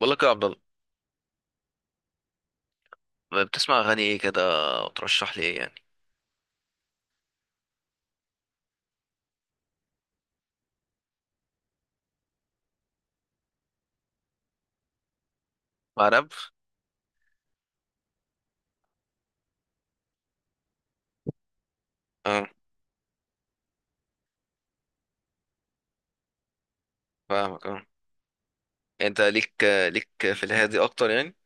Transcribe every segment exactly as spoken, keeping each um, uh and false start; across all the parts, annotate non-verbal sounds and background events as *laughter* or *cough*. بقول لك يا عبد الله، بتسمع اغاني ايه كده؟ وترشح لي ايه يعني؟ عرب. اه، فاهمك. اه، انت ليك ليك في الهادي اكتر يعني؟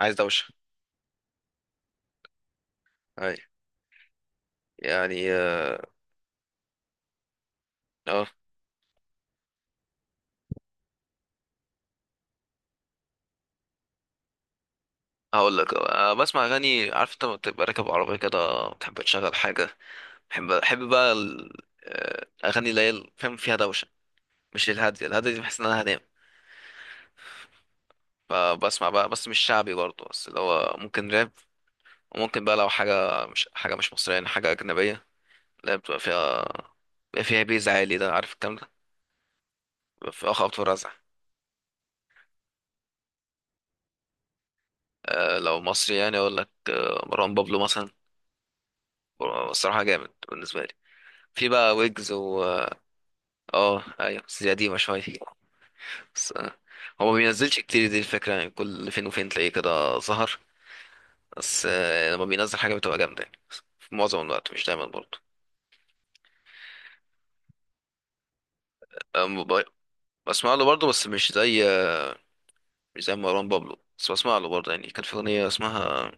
عايز دوشه. اي. يعني اه. آه. هقول لك، آه، بسمع اغاني. عارف انت لما بتبقى راكب عربيه كده بتحب تشغل حاجه. بحب بحب بقى ال- آه، الاغاني اللي هي ال- فاهم، فيها دوشه. مش الهاديه، الهاديه دي بحس ان انا هنام. فبسمع بقى بس مش شعبي برضه، بس اللي هو ممكن راب. وممكن بقى لو حاجه مش حاجه مش مصريه يعني، حاجه اجنبيه. لا، بتبقى فيها، بيبقى فيها بيز عالي ده، عارف الكلام ده. بيبقى فيها خبط ورزع. آه لو مصري يعني اقول لك آه مروان بابلو مثلا. آه، الصراحه جامد بالنسبه لي. في بقى ويجز و... اه ايوه، بس دي قديمه شويه. بس آه، هو ما بينزلش كتير دي الفكره، يعني كل فين وفين تلاقيه كده ظهر. بس آه لما بينزل حاجه بتبقى جامده يعني، في معظم الوقت مش دايما برضه. آم، ب- بسمع له برضه بس مش زي مش زي مروان بابلو، بس بسمع له برضه يعني. كان في اغنيه اسمها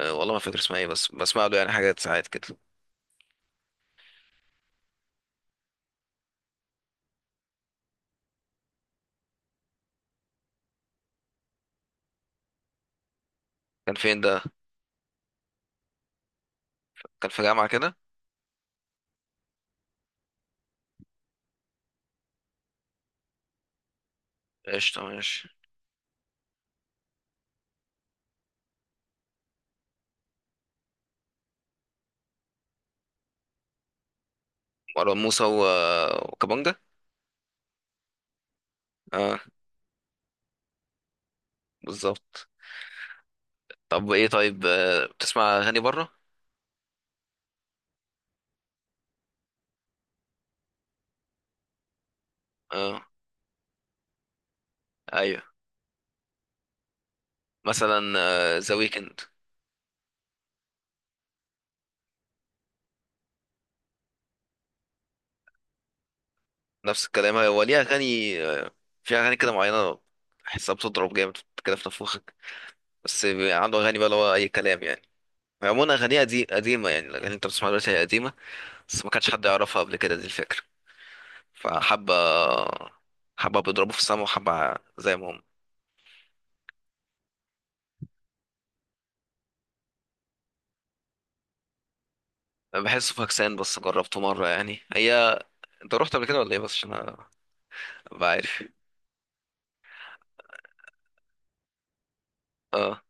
آه، والله ما فاكر اسمها ايه، بس بسمع له يعني حاجات ساعات كده. كان فين ده؟ كان في جامعة كده؟ قشطة ماشي. مروان موسى و... وكابونجا. اه، بالظبط. طب ايه؟ طيب، آه، بتسمع اغاني بره؟ اه ايوه. مثلا ذا ويكند. نفس الكلام. هو ليه اغاني آه، في اغاني كده معينة بحسها بتضرب جامد كده في نفوخك. بس بيبقى عنده اغاني بقى اللي هو اي كلام يعني. عموما اغانيها دي قديمة، يعني الاغاني اللي انت بتسمعها دلوقتي هي قديمة، بس ما كانش حد يعرفها قبل كده، دي الفكرة. فحابة، حابة بيضربوا في السما، وحابة زي ما هم. أنا بحسه فاكسان، بس جربته مرة يعني. هي انت رحت قبل كده ولا ايه؟ بس عشان أنا أبقى عارف. اه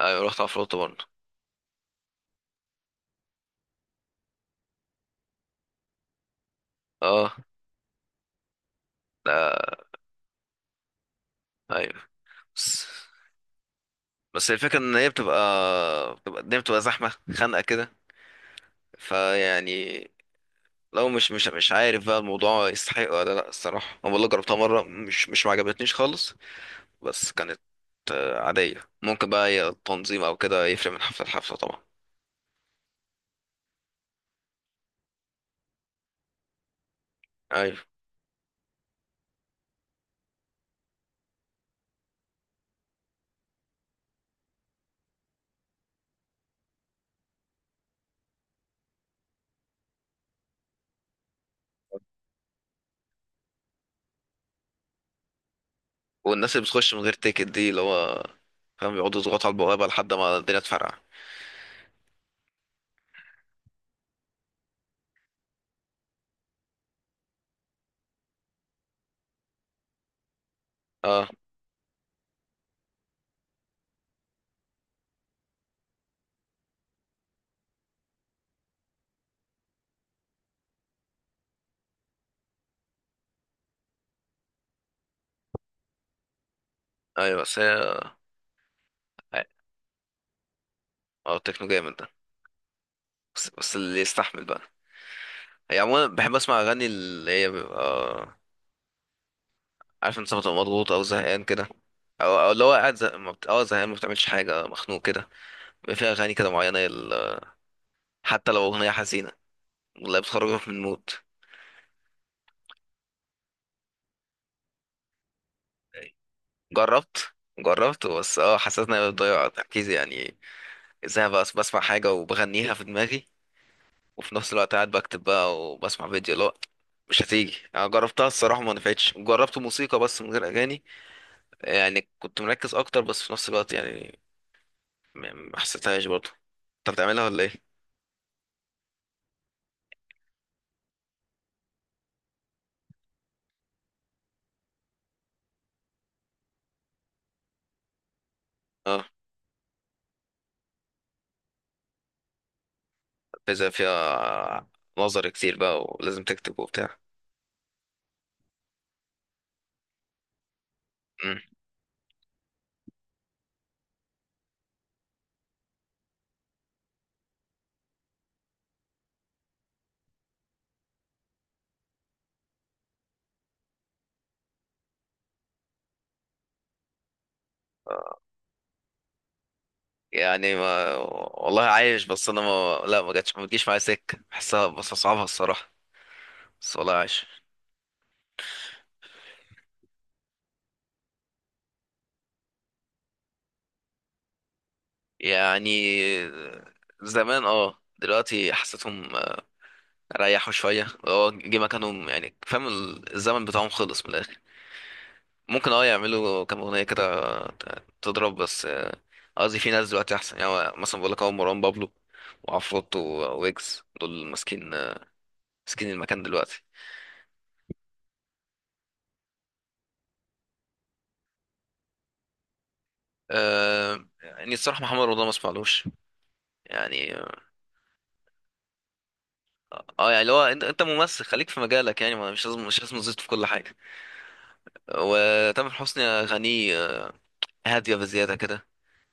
ايوه، رحت عفروتو برضه. اه. لا. ايوه. بس، بس الفكرة ان هي بتبقى، بتبقى الدنيا بتبقى زحمة خانقة كده. فيعني لو مش مش مش عارف بقى الموضوع يستحق ولا لا. الصراحة انا والله جربتها مرة، مش مش ما عجبتنيش خالص. بس كانت آه، عادية. ممكن بقى هي التنظيم او كده، يفرق من حفلة لحفلة طبعا. ايوه. والناس اللي بتخش من غير تيكت دي، اللي هو فاهم، بيقعدوا يضغطوا على البوابة لحد ما الدنيا تفرقع. اه ايوه. بس هي اه التكنو جامد ده. بس, بس اللي يستحمل بقى. هي عموما بحب اسمع اغاني اللي هي بيبقى آه، عارف انت لما تبقى مضغوط او زهقان كده، او او اللي هو قاعد زه... ما بت... اه زهقان، ما بتعملش حاجة، مخنوق كده. بيبقى فيها اغاني كده معينة ال... حتى لو اغنية حزينة، والله بتخرجك من المود. جربت جربت بس اه حسيت اني بضيع تركيزي يعني. ازاي بس بسمع حاجة وبغنيها في دماغي وفي نفس الوقت قاعد بكتب بقى وبسمع فيديو؟ لا مش هتيجي. انا جربتها الصراحه ما نفعتش. جربت موسيقى بس من غير اغاني، يعني كنت مركز اكتر، بس في نفس الوقت يعني ما ما حسيتهاش برضه. انت بتعملها ولا ايه؟ اه، بيزا فيها نظر كتير بقى ولازم تكتب وبتاع. مم. يعني ما والله عايش، بس انا ما لا ما جاتش، ما بتجيش معايا سكه بحسها، بس اصعبها الصراحه. بس والله عايش. يعني زمان اه، دلوقتي حسيتهم ريحوا شويه، هو جه مكانهم يعني، فاهم ال- الزمن بتاعهم خلص من الاخر. ممكن اه يعملوا كام اغنيه كده ت- تضرب، بس آه، قصدي في ناس دلوقتي احسن، يعني هو مثلا بقول لك هو مروان بابلو وعفروتو وويجز دول ماسكين آه، ماسكين المكان دلوقتي. آه يعني الصراحه محمد رمضان ما اسمعلوش يعني. اه آه، يعني اللي هو انت انت ممثل، خليك في مجالك يعني، ما- مش لازم، مش لازم تزيد في كل حاجه. وتامر حسني اغانيه آه، هاديه بزياده كده،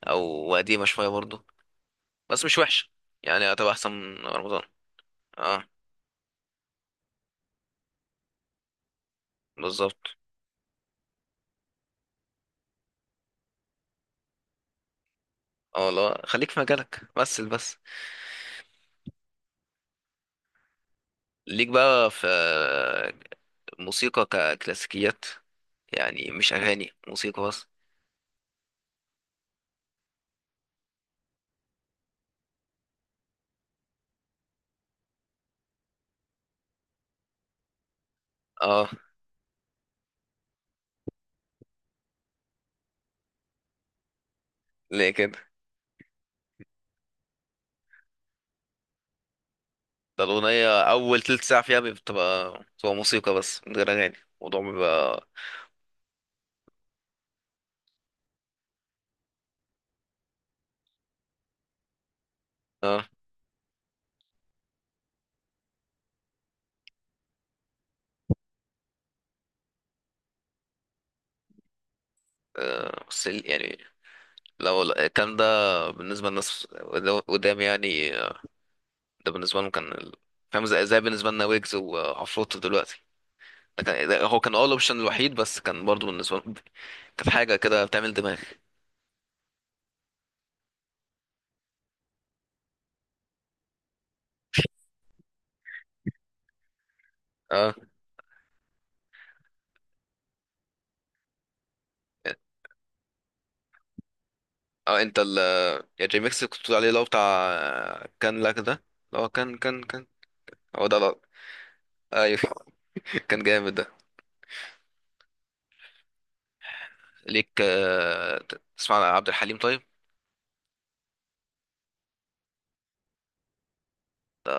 او قديمه شويه برضه، بس مش وحشة يعني. هتبقى احسن من رمضان. اه بالظبط. اه لا، خليك في مجالك. بس بس ليك بقى في موسيقى ككلاسيكيات، يعني مش اغاني موسيقى بس؟ اه ليه كده؟ ده الاغنية اول تلت ساعة فيها بتبقى، بتبقى موسيقى بس من غير اغاني، الموضوع بيبقى... اه آه، بس يعني لو الكلام ده بالنسبة للناس قدام يعني آه، ده بالنسبة لهم كان ال- فاهم زي زي بالنسبة لنا ويجز وعفروتو دلوقتي. كان- هو كان اه الاوبشن الوحيد، بس كان برضو بالنسبه لهم كانت حاجه كده بتعمل دماغ. اه اه. انت ال يا جي ميكس اللي كنت بتقول عليه اللي هو بتاع كان لك ده، اللي هو كان كان كان هو ده. لا. ايوه *laughs* كان جامد ده. ليك آه، تسمع عن عبد الحليم طيب؟ ده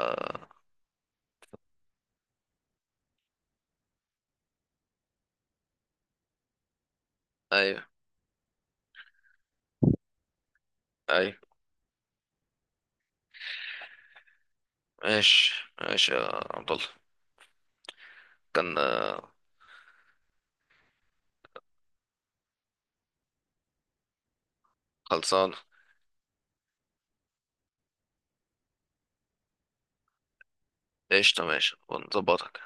ايوه ايوه. ماشي ماشي يا عبد الله. كان آه، خلصان. قشطة، ماشي ونظبطك.